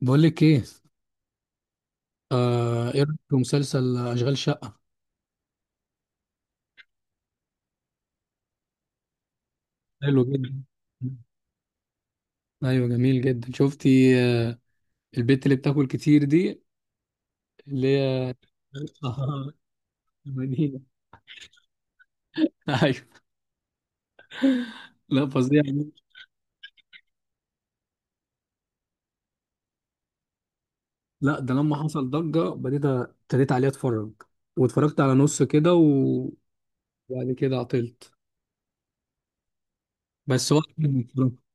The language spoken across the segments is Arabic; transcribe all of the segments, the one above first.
بقول لك ايه. ايه رايك في مسلسل اشغال شقه؟ حلو جدا. ايوه، جميل جدا. شفتي البت اللي بتاكل كتير دي اللي هي آه. منيلة. ايوه. لا، فظيع. لا، ده لما حصل ضجه، ابتديت عليه اتفرج. واتفرجت على نص كده وبعد كده عطلت. بس هو عجبني بصراحة.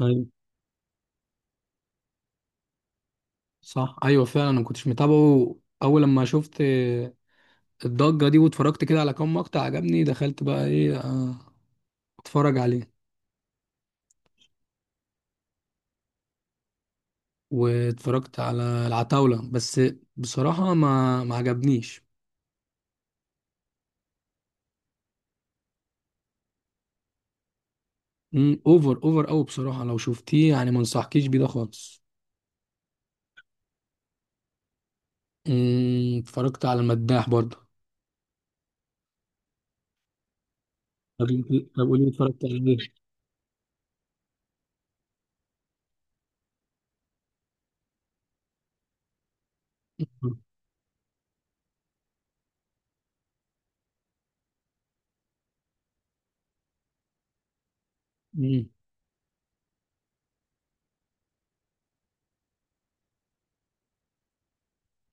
ايوه، صح، ايوه، فعلا. انا ما كنتش متابعه اول لما شفت الضجه دي، واتفرجت كده على كام مقطع، عجبني، دخلت بقى ايه اتفرج عليه. واتفرجت على العتاولة بس، بصراحة ما عجبنيش. اوفر اوفر اوي بصراحة. لو شفتيه يعني، ما انصحكيش بيه ده خالص. اتفرجت على المداح برضه. طب طب قولي اتفرجت على ايه. مم.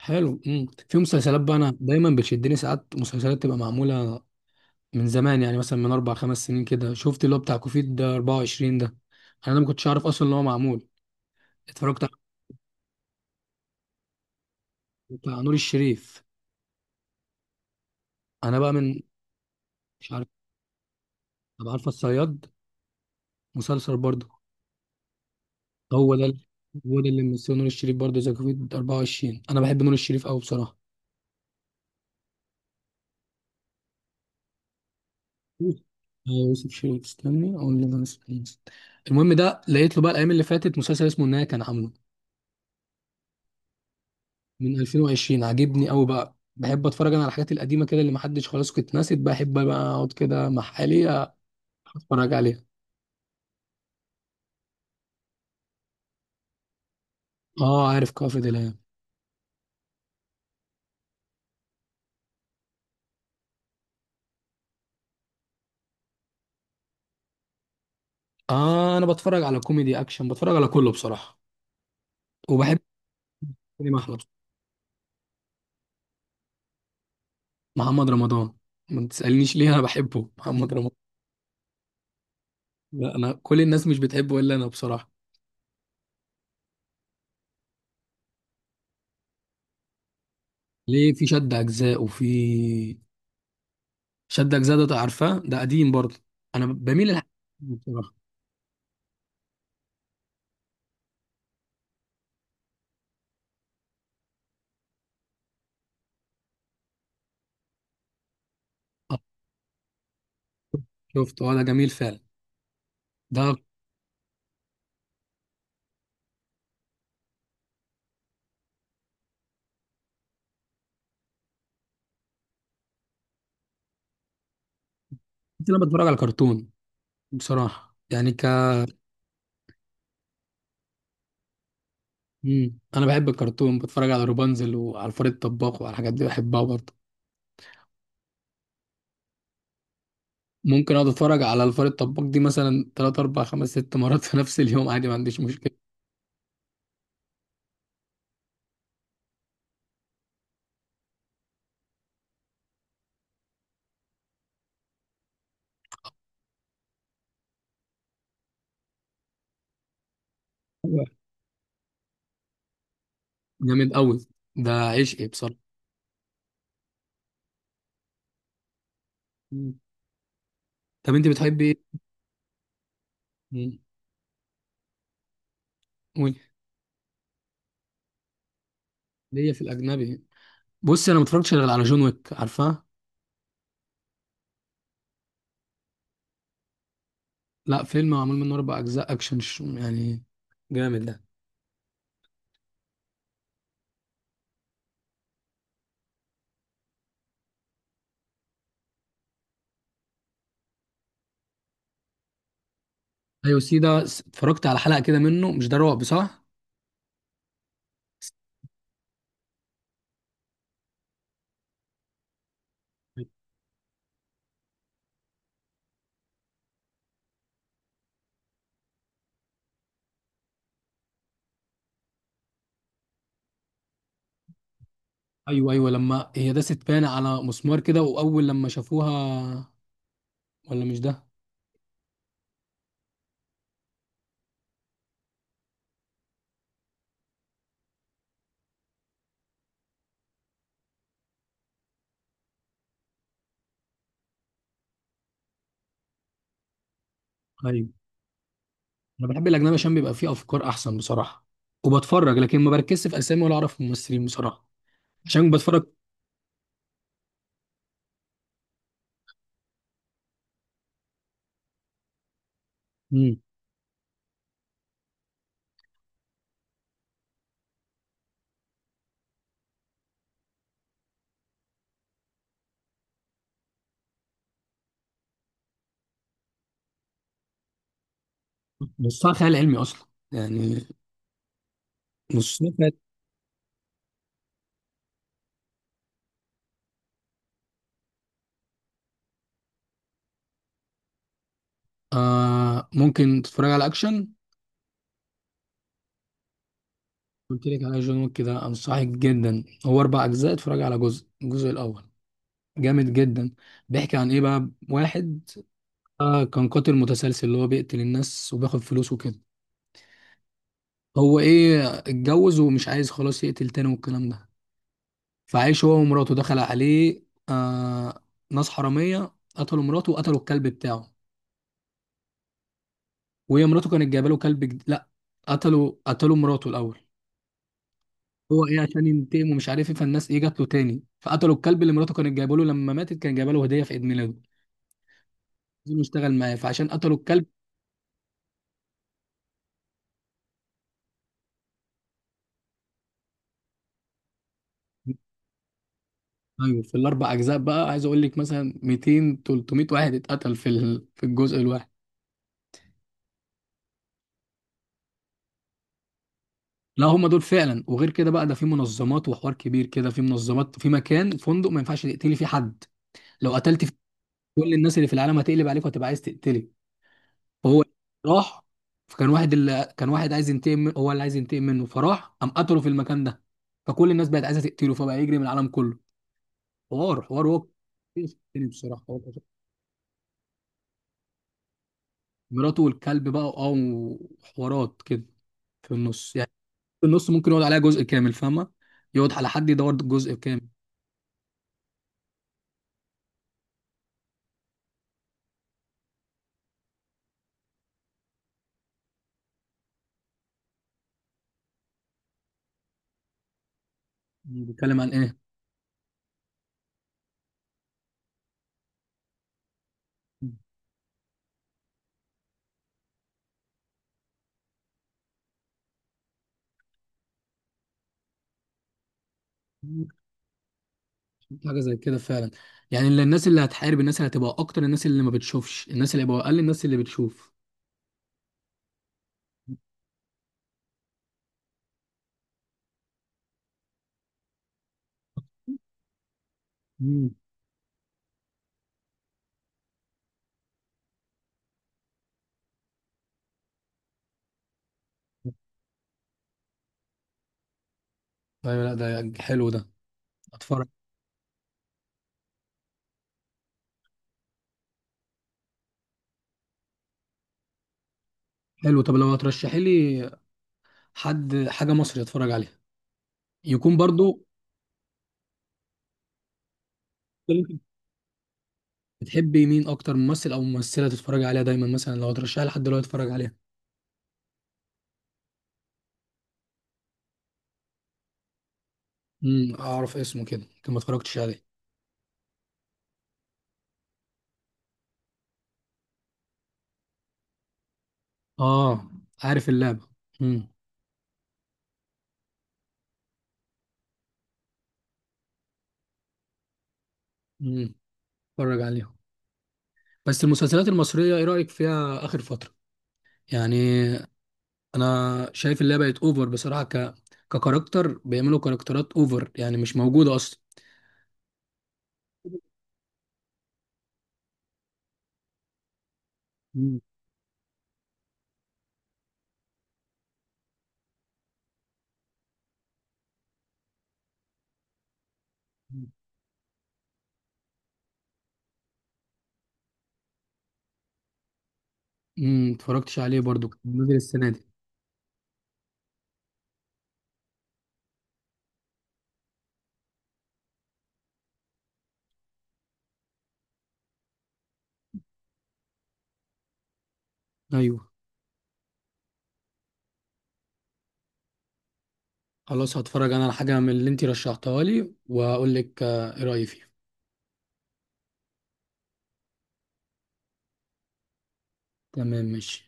حلو. مم. في مسلسلات بقى انا دايما بتشدني، ساعات مسلسلات تبقى معمولة من زمان. يعني مثلا من 4 5 سنين كده شفت اللي هو بتاع كوفيد ده 24 ده. انا ده ما كنتش عارف اصلا ان هو معمول. اتفرجت على بتاع نور الشريف. انا بقى من، مش عارف. طب عارفه الصياد؟ مسلسل برضه. هو ده. هو ده اللي ممثله نور الشريف برضه، ذا كوفيد 24. انا بحب نور الشريف قوي بصراحه. آه، يوسف شريف. استني اقول لك انا اسمه إيه. المهم ده لقيت له بقى الايام اللي فاتت مسلسل اسمه النهايه، كان عامله من 2020. عاجبني قوي. بقى بحب اتفرج انا على الحاجات القديمه كده، اللي محدش، خلاص كنت ناسيت. بحب بقى اقعد كده مع حالي، اتفرج عليها. اه عارف، كافي دلام. اه انا بتفرج على كوميدي، اكشن، بتفرج على كله بصراحه. وبحب كريم احمد، محمد رمضان. ما تسالنيش ليه، انا بحبه محمد رمضان. لا، انا كل الناس مش بتحبه الا انا بصراحه. ليه، في شد اجزاء وفي شد اجزاء، ده عارفاه، ده قديم برضه. انا بميل للحاجات دي بصراحه. آه، شفت، هو ده جميل فعلا، ده. كنت انا بتفرج على كرتون بصراحه، يعني مم. انا بحب الكرتون، بتفرج على روبانزل وعلى الفار الطباخ وعلى الحاجات دي بحبها برضه. ممكن اقعد اتفرج على الفار الطباخ دي مثلا 3 4 5 6 مرات في نفس اليوم عادي، ما عنديش مشكله. أيوة. جامد قوي، ده عشقي بصراحه. مم. طب انت بتحبي ايه؟ مم. قولي. ليا في الاجنبي؟ بص انا ما اتفرجتش غير على جون ويك، عارفاه؟ لا، فيلم معمول منه 4 اجزاء اكشن يعني، جامد ده. ايوه، سي ده، اتفرجت على حلقه كده منه، مش ده رعب صح؟ ايوه، ايوه، لما هي داست بان على مسمار كده واول لما شافوها؟ ولا مش ده؟ ايوه. انا بحب الاجنبي عشان بيبقى فيه افكار احسن بصراحه. وبتفرج لكن ما بركزش في اسامي ولا اعرف الممثلين بصراحه، عشان بتفرج. مم. نصها خيال علمي اصلا يعني. نصها آه، ممكن تتفرج على اكشن. قلت لك على جون ويك، كده انصحك جدا، هو 4 اجزاء، اتفرج على الجزء الاول، جامد جدا. بيحكي عن ايه بقى؟ واحد كان قاتل متسلسل، اللي هو بيقتل الناس وبياخد فلوس وكده. هو ايه، اتجوز ومش عايز خلاص يقتل تاني والكلام ده. فعايش هو ومراته، دخل عليه آه ناس حرامية، قتلوا مراته وقتلوا الكلب بتاعه. وهي مراته كانت جايبه له كلب لا، قتلوا مراته الاول. هو ايه عشان ينتقم، ومش عارف ايه، فالناس ايه، جات له تاني فقتلوا الكلب اللي مراته كانت جايبه له. لما ماتت كان جايبه له هديه في عيد ميلاده. عايزينه يشتغل معاه، فعشان قتلوا الكلب. ايوه، في الاربع اجزاء بقى، عايز اقول لك مثلا 200 300 واحد اتقتل في الجزء الواحد. لا، هم دول فعلا. وغير كده بقى، ده في منظمات، وحوار كبير كده، في منظمات، في مكان، فندق ما ينفعش تقتلي فيه حد. لو قتلت فيه، كل الناس اللي في العالم هتقلب عليك وهتبقى عايز تقتلك. هو راح، فكان واحد، اللي كان واحد عايز ينتقم هو اللي عايز ينتقم منه، فراح قام قتله في المكان ده. فكل الناس بقت عايزه تقتله، فبقى يجري من العالم كله. حوار، حوار، هو تاني بصراحه، حوار كتير. مراته والكلب بقى، وحوارات كده في النص يعني. في النص ممكن يقعد عليها جزء كامل، فاهمه؟ يقعد على حد، يدور جزء كامل. بيتكلم عن ايه؟ ممكن حاجه زي كده فعلا. يعني اللي الناس، اللي هتحارب الناس، اللي هتبقى اكتر الناس اللي ما بتشوفش، الناس اللي هيبقى اقل الناس اللي بتشوف. مم. ايوه. لا، ده حلو ده، اتفرج. حلو. طب لو هترشحي لي حد حاجه مصري اتفرج عليها، يكون برضو. بتحبي مين اكتر ممثل او ممثله تتفرج عليها دايما؟ مثلا لو هترشحي لحد دلوقتي اتفرج عليها. اعرف اسمه كده، يمكن ما اتفرجتش عليه. اه عارف اللعبه. امم. امم. اتفرج عليها. بس المسلسلات المصريه ايه رايك فيها اخر فتره يعني؟ انا شايف اللعبه بقت اوفر بصراحه، ككاركتر، بيعملوا كاركترات اوفر يعني مش موجوده اصلا. امم. اتفرجتش عليه برضو، كان نزل السنه دي. ايوه، خلاص هتفرج انا على حاجه من اللي انت رشحتها لي واقول لك ايه رايي فيها. تمام، ماشي.